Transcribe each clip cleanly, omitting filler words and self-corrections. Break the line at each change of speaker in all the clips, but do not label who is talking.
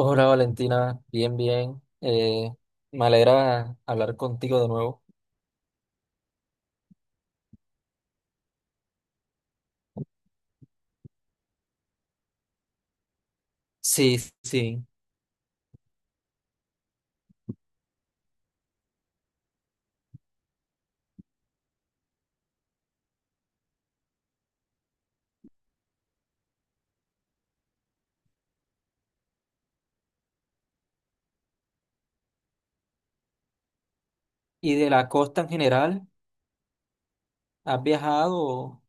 Hola Valentina, bien, bien. Me alegra hablar contigo de nuevo. Sí, sí. ¿Y de la costa en general? ¿Has viajado?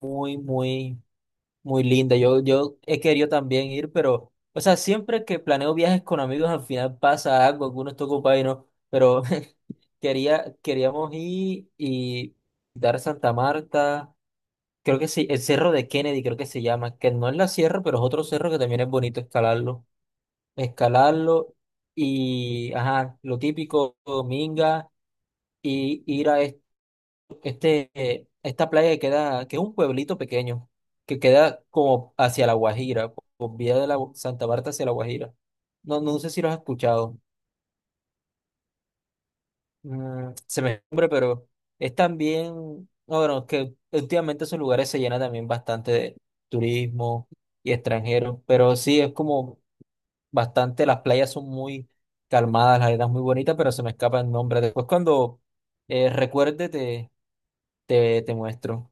Muy, muy, muy linda. Yo he querido también ir, pero, o sea, siempre que planeo viajes con amigos, al final pasa algo, algunos está ocupado y no, pero quería, queríamos ir y dar Santa Marta, creo que sí, el Cerro de Kennedy, creo que se llama, que no es la sierra, pero es otro cerro que también es bonito escalarlo y, ajá, lo típico, minga, y ir a esta playa que queda, que es un pueblito pequeño, que queda como hacia La Guajira, por vía de la Gu- Santa Marta hacia La Guajira. No, no sé si lo has escuchado. Se me nombre, pero es también, no, bueno, que últimamente esos lugares se llenan también bastante de turismo y extranjeros, pero sí es como bastante, las playas son muy calmadas, la arena es muy bonita, pero se me escapa el nombre. Después cuando recuerde te muestro.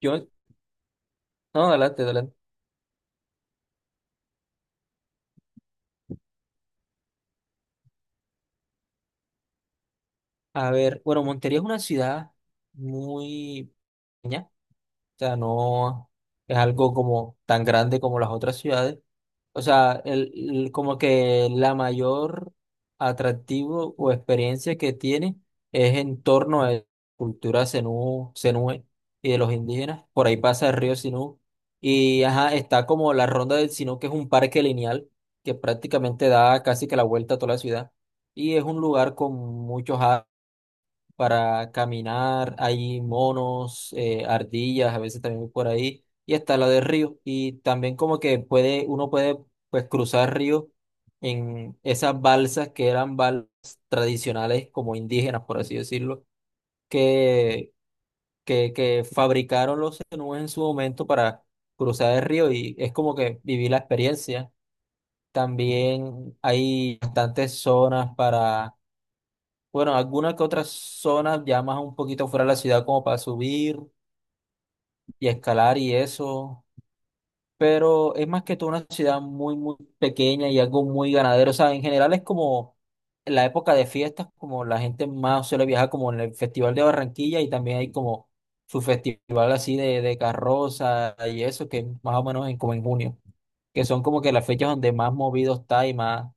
Yo, no, adelante, adelante. A ver, bueno, Montería es una ciudad muy pequeña, o sea, no es algo como tan grande como las otras ciudades. O sea, como que la mayor atractivo o experiencia que tiene es en torno a la cultura zenú, zenúe y de los indígenas. Por ahí pasa el río Sinú. Y ajá, está como la Ronda del Sinú, que es un parque lineal que prácticamente da casi que la vuelta a toda la ciudad. Y es un lugar con muchos árboles para caminar, hay monos, ardillas, a veces también por ahí, y está la de río. Y también como que puede, uno puede pues cruzar ríos en esas balsas que eran balsas tradicionales como indígenas, por así decirlo, que, que fabricaron los zenúes en su momento para cruzar el río y es como que viví la experiencia. También hay bastantes zonas para bueno, algunas que otras zonas ya más un poquito fuera de la ciudad como para subir y escalar y eso, pero es más que todo una ciudad muy, muy pequeña y algo muy ganadero. O sea, en general es como la época de fiestas, como la gente más suele viajar como en el Festival de Barranquilla y también hay como su festival así de carroza y eso, que es más o menos en, como en junio, que son como que las fechas donde más movido está y más,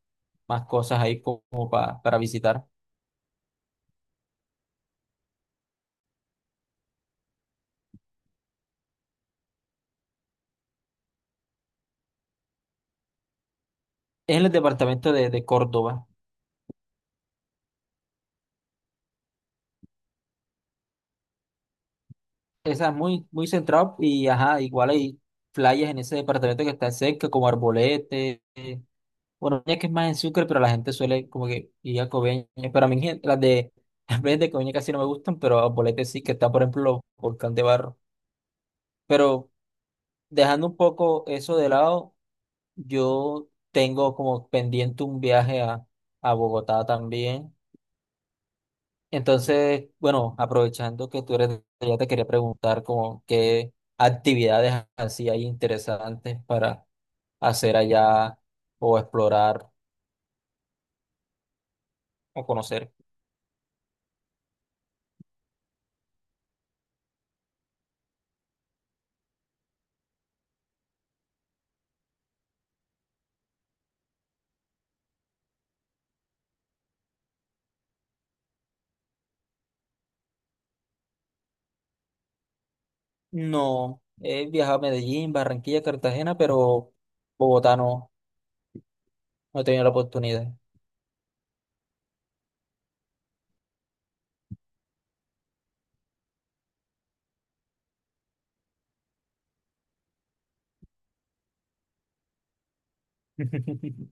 más cosas ahí como, para visitar. Es en el departamento de Córdoba. Esa es muy, muy central y ajá, igual hay playas en ese departamento que está cerca, como Arbolete. Bueno, ya que es más en Sucre, pero la gente suele como que ir a Coveñas. Pero a mí gen- las de, las playas de Coveñas casi no me gustan, pero Arbolete sí, que está, por ejemplo, Volcán de Barro. Pero dejando un poco eso de lado, yo tengo como pendiente un viaje a Bogotá también. Entonces, bueno, aprovechando que tú eres de allá, te quería preguntar como qué actividades así hay interesantes para hacer allá o explorar o conocer. No, he viajado a Medellín, Barranquilla, Cartagena, pero Bogotá no, no he tenido la oportunidad.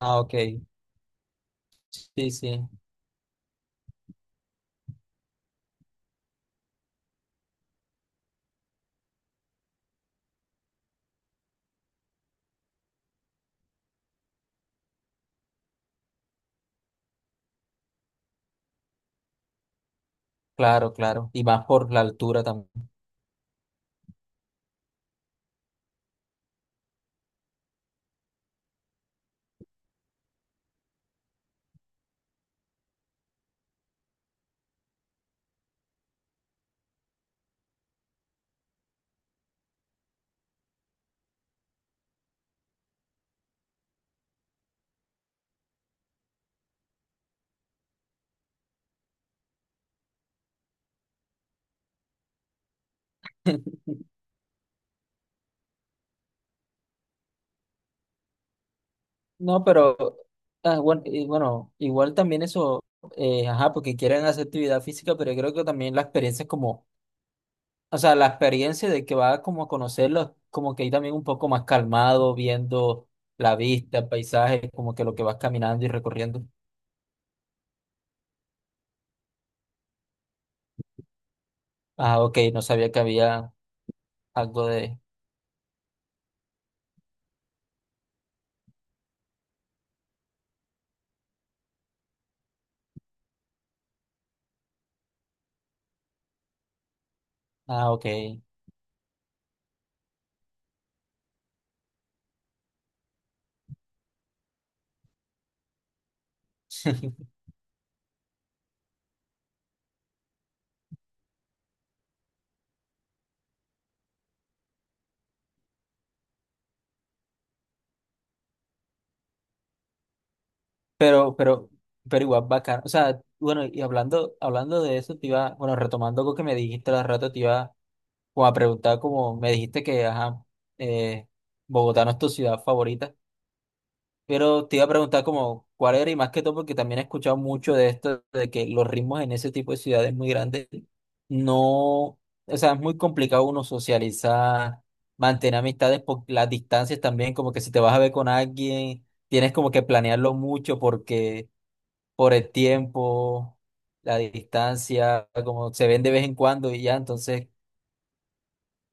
Ah, ok. Sí, sí, claro, claro. Y más por la altura también. No, pero ah, bueno, y bueno, igual también eso, ajá, porque quieren hacer actividad física, pero yo creo que también la experiencia es como, o sea, la experiencia de que va como a conocerlo, como que ahí también un poco más calmado, viendo la vista, el paisaje, como que lo que vas caminando y recorriendo. Ah, ok, no sabía que había algo de, ah, ok, pero, pero, pero igual bacán. O sea, bueno, y hablando, hablando de eso, te iba, bueno, retomando algo que me dijiste hace rato, te iba o a preguntar como me dijiste que, ajá, eh, Bogotá no es tu ciudad favorita, pero te iba a preguntar como cuál era y más que todo porque también he escuchado mucho de esto, de que los ritmos en ese tipo de ciudades muy grandes no, o sea, es muy complicado uno socializar, mantener amistades por las distancias también, como que si te vas a ver con alguien, tienes como que planearlo mucho porque por el tiempo, la distancia, como se ven de vez en cuando y ya, entonces...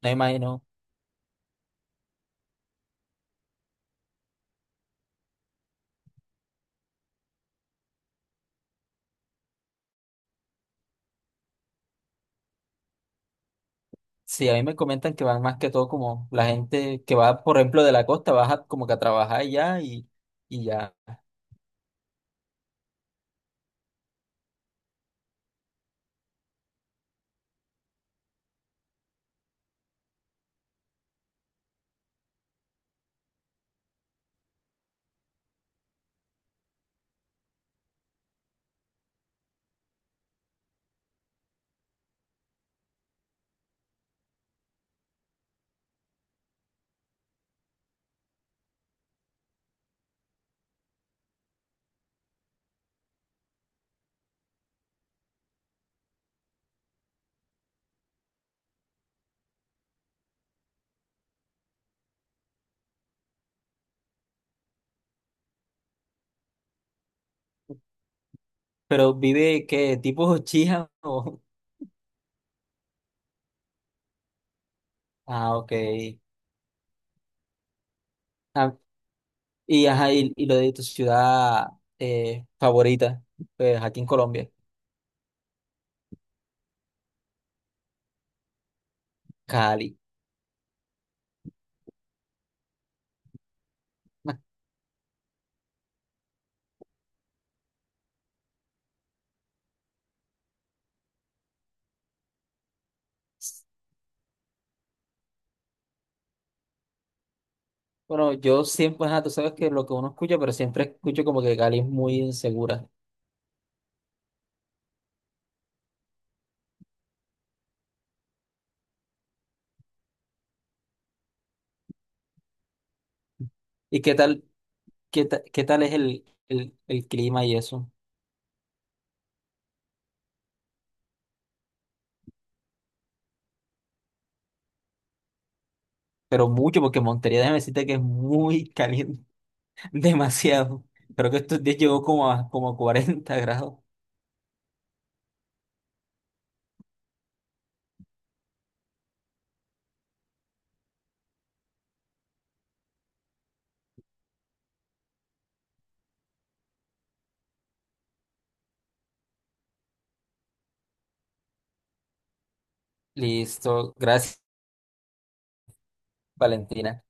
No imagino. Sí, a mí me comentan que van más que todo como la gente que va, por ejemplo, de la costa, baja como que a trabajar ya y ya. Pero vive, ¿qué? ¿Tipo chija o...? Ah, ok. Ah, y, ajá, y lo de tu ciudad favorita, pues aquí en Colombia, Cali. Bueno, yo siempre, ajá, tú sabes que lo que uno escucha, pero siempre escucho como que Cali es muy insegura. ¿Y qué tal, qué, ta- qué tal es el clima y eso? Pero mucho, porque Montería, déjame decirte que es muy caliente. Demasiado. Creo que estos días llegó como a, como a 40 grados. Listo. Gracias, Valentina.